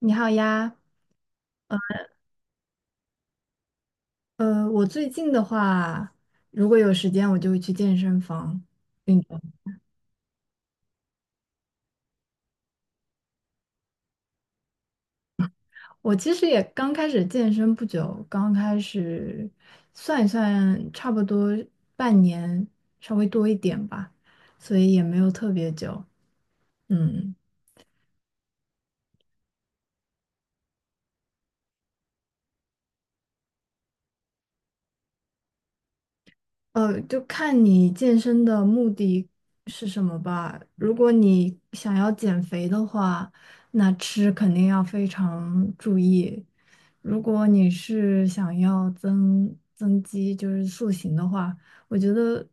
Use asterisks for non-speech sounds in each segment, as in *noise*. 你好呀，我最近的话，如果有时间，我就会去健身房运动。我其实也刚开始健身不久，刚开始算一算，差不多半年，稍微多一点吧，所以也没有特别久。嗯。就看你健身的目的是什么吧。如果你想要减肥的话，那吃肯定要非常注意。如果你是想要增肌，就是塑形的话，我觉得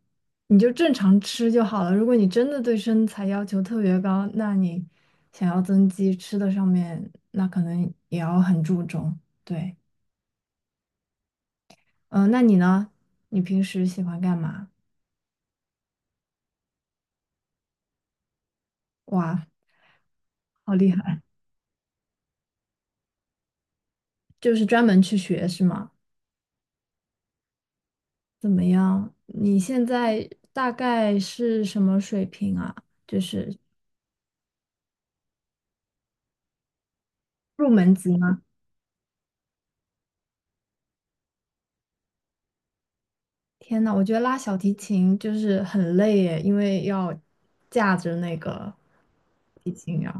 你就正常吃就好了。如果你真的对身材要求特别高，那你想要增肌，吃的上面那可能也要很注重。对，嗯、那你呢？你平时喜欢干嘛？哇，好厉害！就是专门去学是吗？怎么样？你现在大概是什么水平啊？就是入门级吗？天呐，我觉得拉小提琴就是很累耶，因为要架着那个提琴啊，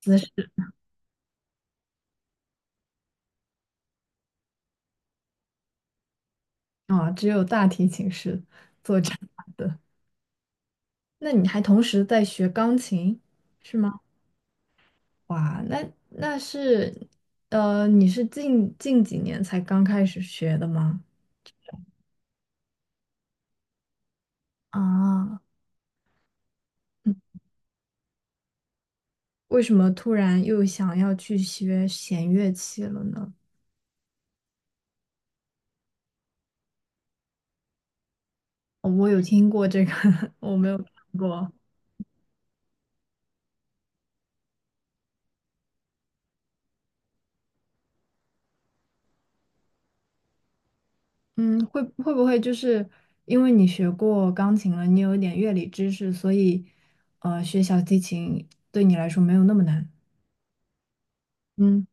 姿势啊，只有大提琴是坐着的。那你还同时在学钢琴？哇，那那是，你是近几年才刚开始学的吗？啊。为什么突然又想要去学弦乐器了呢？哦我有听过这个，*laughs* 我没有听过。嗯，会会不会就是因为你学过钢琴了，你有一点乐理知识，所以学小提琴对你来说没有那么难？嗯，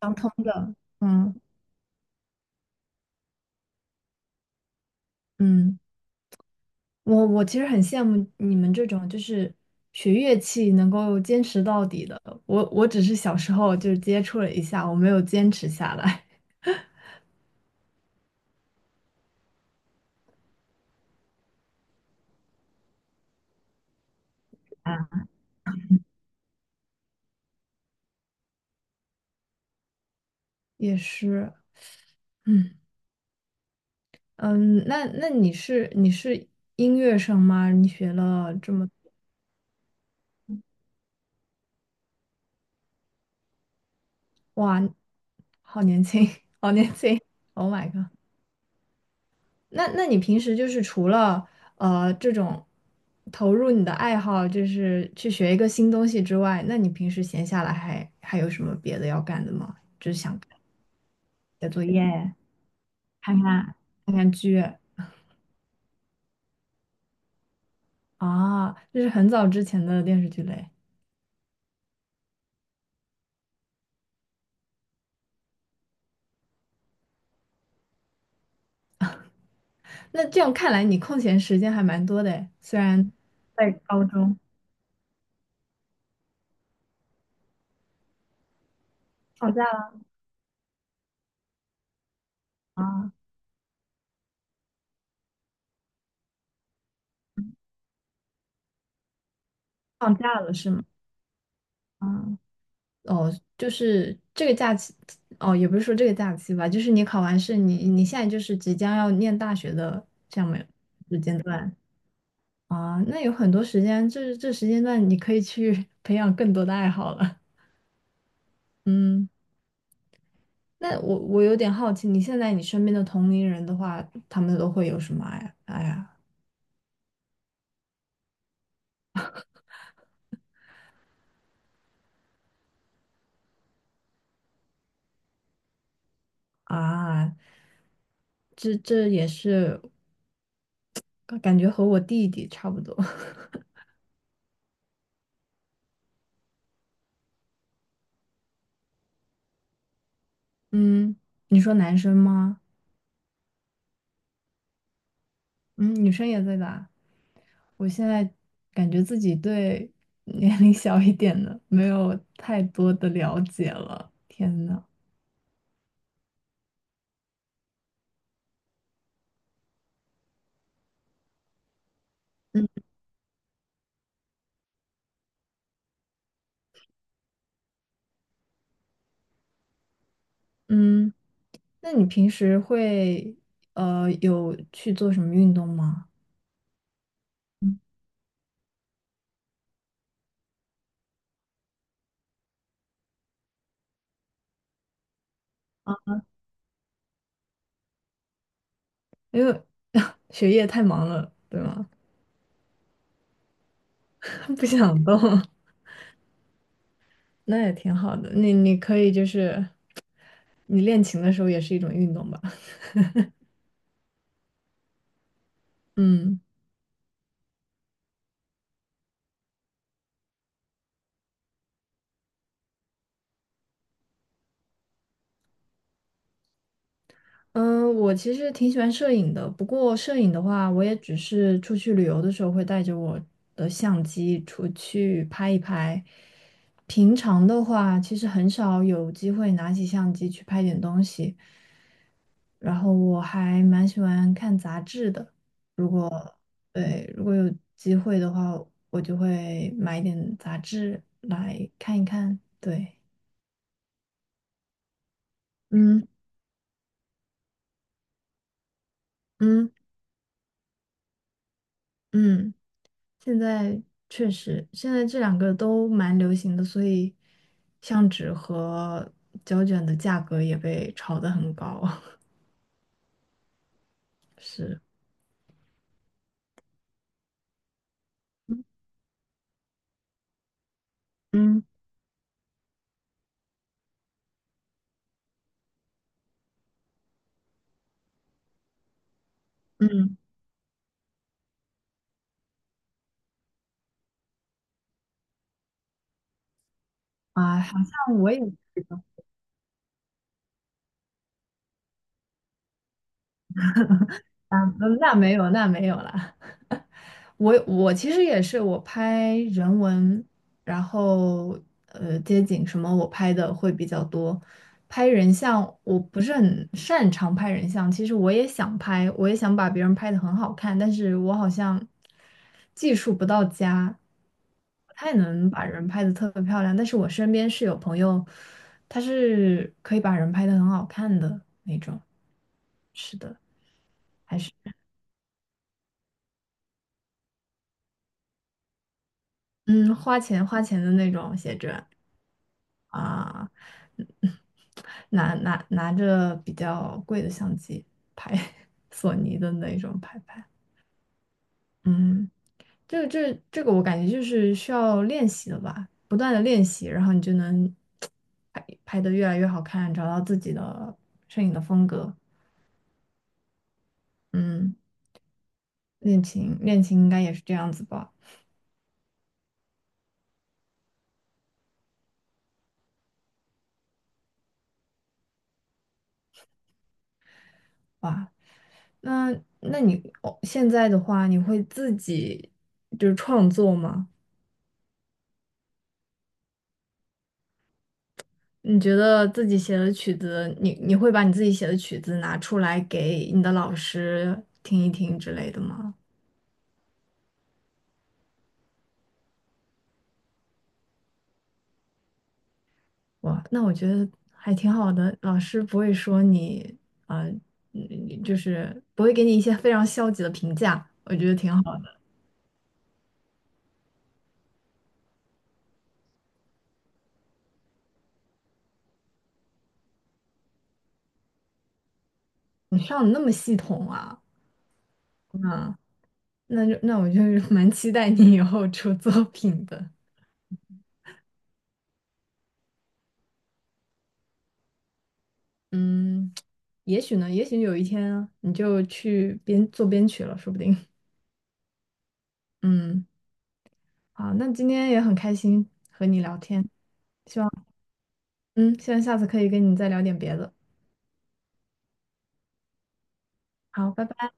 相通的。嗯嗯，我其实很羡慕你们这种就是学乐器能够坚持到底的。我只是小时候就是接触了一下，我没有坚持下来。*laughs* 也是，嗯。嗯，那那你是音乐生吗？你学了这么，哇，好年轻，*laughs* 好年轻，Oh my god！那那你平时就是除了这种投入你的爱好，就是去学一个新东西之外，那你平时闲下来还还有什么别的要干的吗？就是想写作业、看看看看剧啊，这是很早之前的电视剧嘞。那这样看来，你空闲时间还蛮多的诶，虽然在高中。放假了啊，放假了是吗？啊，哦，就是这个假期，哦，也不是说这个假期吧，就是你考完试，你你现在就是即将要念大学的这样的时间段啊，那有很多时间，这这时间段你可以去 *laughs* 培养更多的爱好了。嗯，那我我有点好奇，你现在你身边的同龄人的话，他们都会有什么爱呀啊？这这也是感觉和我弟弟差不多。*laughs* 嗯，你说男生吗？嗯，女生也在打。我现在感觉自己对 *laughs* 年龄小一点的没有太多的了解了。天呐，嗯嗯，那你平时会有去做什么运动吗？因为 *laughs* 学业太忙了，对吗？*laughs* 不想动，*laughs* 那也挺好的。你你可以就是你练琴的时候也是一种运动吧？*laughs* 嗯。嗯，我其实挺喜欢摄影的，不过摄影的话，我也只是出去旅游的时候会带着我的相机出去拍一拍。平常的话，其实很少有机会拿起相机去拍点东西。然后我还蛮喜欢看杂志的，如果对，如果有机会的话，我就会买一点杂志来看一看。对，嗯嗯嗯。现在确实，现在这两个都蛮流行的，所以相纸和胶卷的价格也被炒得很高。*laughs* 是，嗯嗯，啊，好像我也是啊，那没有，那没有了。我我其实也是，我拍人文，然后街景什么我拍的会比较多。拍人像我不是很擅长拍人像，其实我也想拍，我也想把别人拍的很好看，但是我好像技术不到家，不太能把人拍的特别漂亮。但是我身边是有朋友，他是可以把人拍的很好看的那种，是的，还是嗯花钱的那种写真。啊，嗯拿着比较贵的相机拍 *laughs* 索尼的那种拍拍。嗯，这个这个我感觉就是需要练习的吧，不断的练习，然后你就能拍拍得越来越好看，找到自己的摄影的风格。嗯，练琴练琴应该也是这样子吧？哇，那那你哦，现在的话，你会自己就是创作吗？你觉得自己写的曲子，你你会把你自己写的曲子拿出来给你的老师听一听之类的吗？哇，那我觉得还挺好的，老师不会说你，呃，嗯就是不会给你一些非常消极的评价，我觉得挺好的。你上的那么系统啊，嗯，那就那我就 *laughs* 是蛮期待你以后出作品的，嗯，也许呢，也许有一天你就去编做编曲了，说不定，嗯。好，那今天也很开心和你聊天，嗯，希望下次可以跟你再聊点别的。好，拜拜。